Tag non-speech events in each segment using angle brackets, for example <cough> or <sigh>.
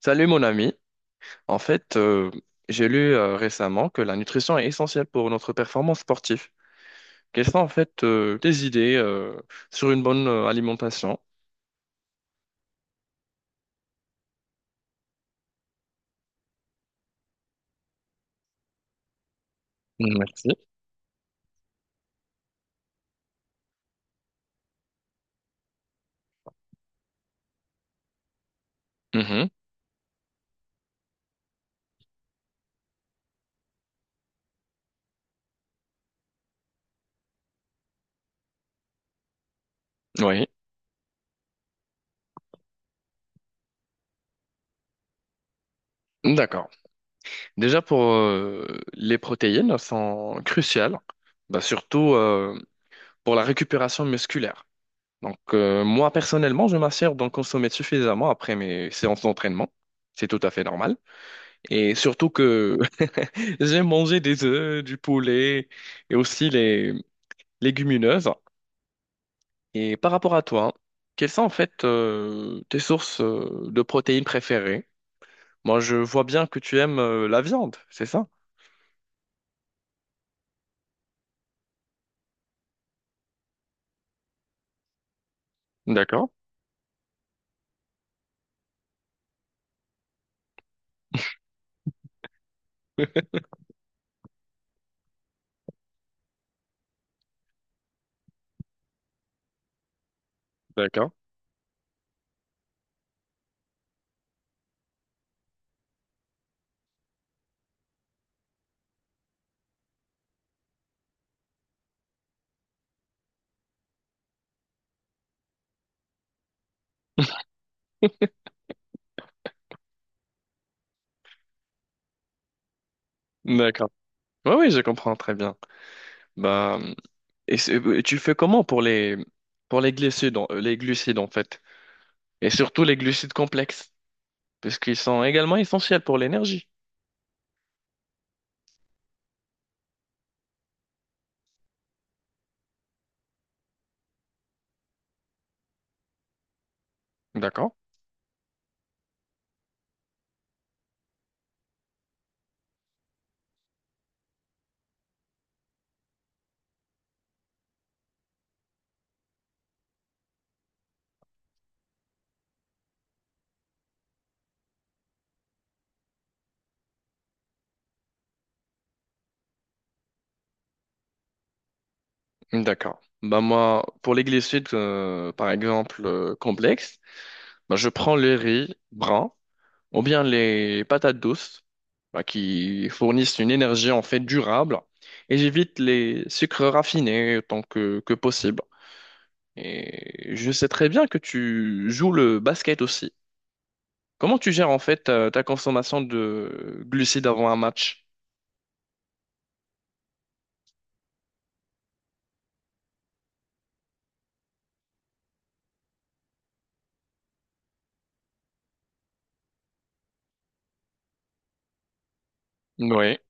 Salut mon ami. En fait, euh, j'ai lu récemment que la nutrition est essentielle pour notre performance sportive. Quelles sont en fait tes idées sur une bonne alimentation? Merci. Mhm. Oui, d'accord. Déjà pour les protéines sont cruciales, bah, surtout pour la récupération musculaire. Moi personnellement, je m'assure d'en consommer suffisamment après mes séances d'entraînement. C'est tout à fait normal. Et surtout que j'ai mangé des œufs, du poulet et aussi les légumineuses. Et par rapport à toi, quelles sont en fait tes sources de protéines préférées? Moi, je vois bien que tu aimes la viande, c'est ça? D'accord, <laughs> d'accord, d'accord. Oui, oui, je comprends très bien. Bah, tu fais comment pour les glucides, les glucides en fait, et surtout les glucides complexes, parce qu'ils sont également essentiels pour l'énergie. D'accord. D'accord. Bah moi, pour les glucides, par exemple, complexes, bah je prends le riz brun ou bien les patates douces, bah, qui fournissent une énergie en fait durable, et j'évite les sucres raffinés autant que possible. Et je sais très bien que tu joues le basket aussi. Comment tu gères en fait ta consommation de glucides avant un match? Oui.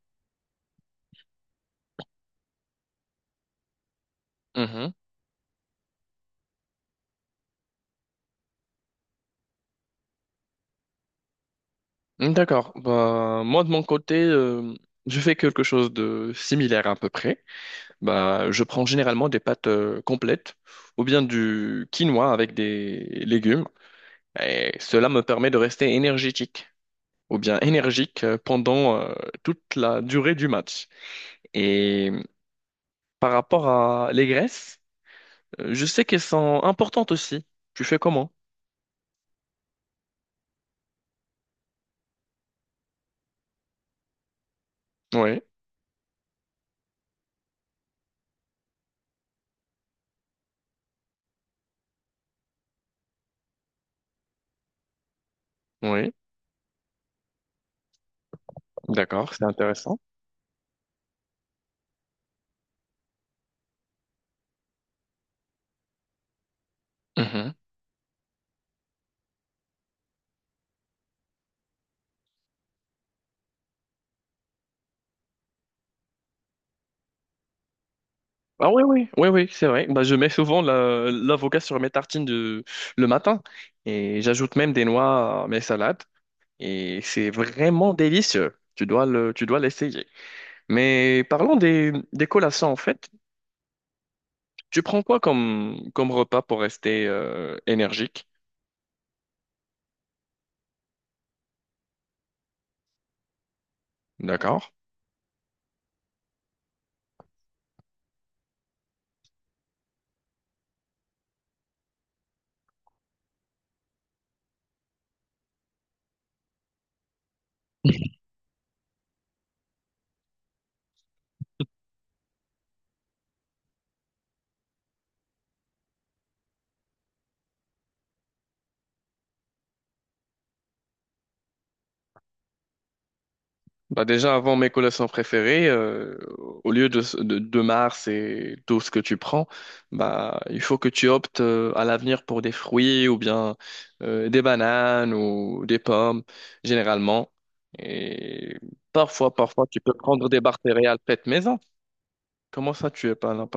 D'accord. Bah, moi, de mon côté, je fais quelque chose de similaire à peu près. Bah, je prends généralement des pâtes complètes ou bien du quinoa avec des légumes. Et cela me permet de rester énergétique ou bien énergique pendant toute la durée du match. Et par rapport à les graisses, je sais qu'elles sont importantes aussi. Tu fais comment? Oui, oui. D'accord, c'est intéressant. Ah oui, oui, oui, oui, c'est vrai. Bah, je mets souvent l'avocat sur mes tartines de, le matin et j'ajoute même des noix à mes salades et c'est vraiment délicieux. Tu dois l'essayer. Mais parlons des collations en fait. Tu prends quoi comme, comme repas pour rester énergique? D'accord? Bah déjà, avant mes collations préférées, au lieu de Mars et tout ce que tu prends, bah, il faut que tu optes à l'avenir pour des fruits ou bien des bananes ou des pommes, généralement. Et parfois, tu peux prendre des barres céréales faites maison. Comment ça, tu es pas là?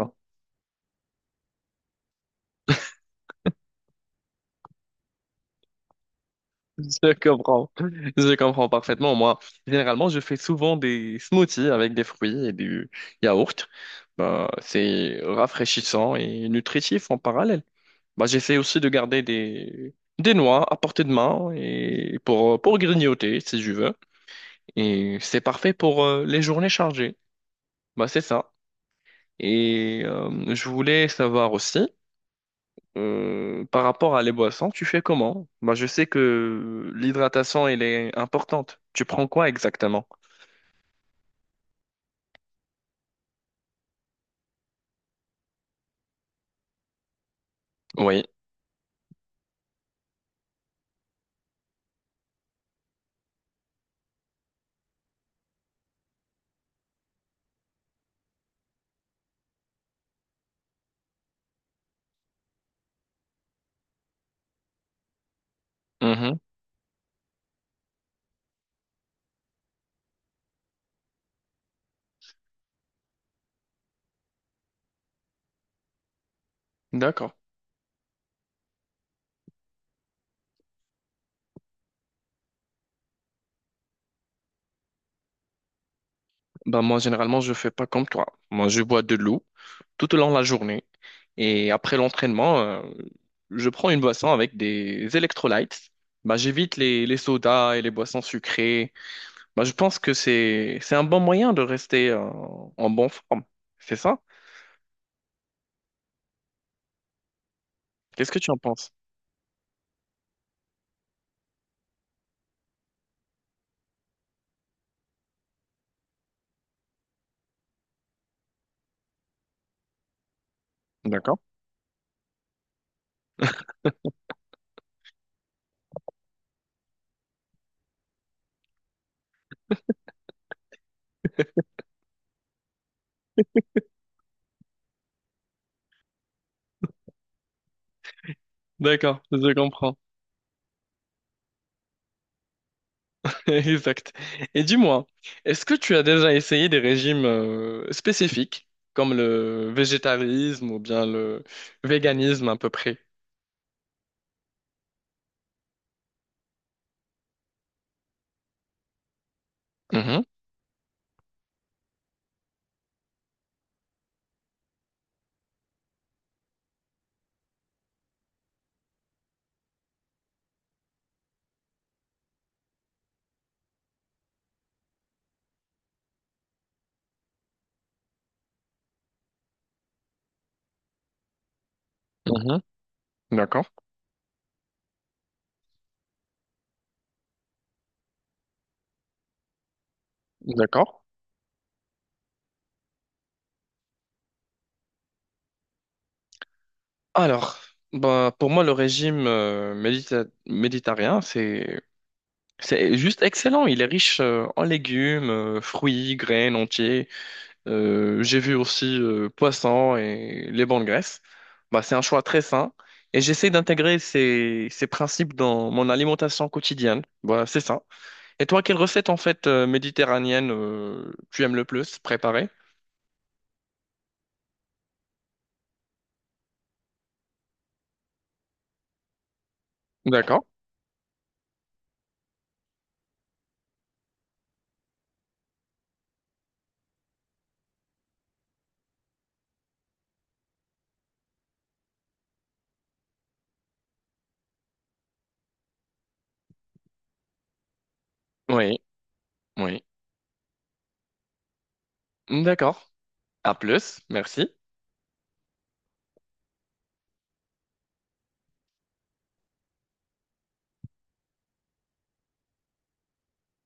Je comprends. Je comprends parfaitement. Moi, généralement, je fais souvent des smoothies avec des fruits et du yaourt. Bah, c'est rafraîchissant et nutritif en parallèle. Bah, j'essaie aussi de garder des noix à portée de main et pour grignoter si je veux. Et c'est parfait pour les journées chargées. Bah, c'est ça. Et je voulais savoir aussi. Par rapport à les boissons, tu fais comment? Moi, je sais que l'hydratation, elle est importante. Tu prends quoi exactement? Oui. Mhm. D'accord. Ben moi, généralement, je fais pas comme toi. Moi, je bois de l'eau tout au long de la journée. Et après l'entraînement, je prends une boisson avec des électrolytes. Ben j'évite les sodas et les boissons sucrées. Ben je pense que c'est un bon moyen de rester, en bonne forme. C'est ça? Qu'est-ce que tu en penses? D'accord. D'accord, je comprends. <laughs> Exact. Et dis-moi, est-ce que tu as déjà essayé des régimes spécifiques, comme le végétarisme ou bien le véganisme à peu près? Mhm, mhm. D'accord, d'accord. Alors, bah, pour moi, le méditerranéen, c'est juste excellent. Il est riche en légumes, fruits, graines entiers. J'ai vu aussi poisson et les bonnes graisses. Bah, c'est un choix très sain et j'essaie d'intégrer ces principes dans mon alimentation quotidienne. Voilà, c'est ça. Et toi, quelle recette en fait méditerranéenne tu aimes le plus préparer? D'accord. Oui, oui. D'accord. À plus, merci.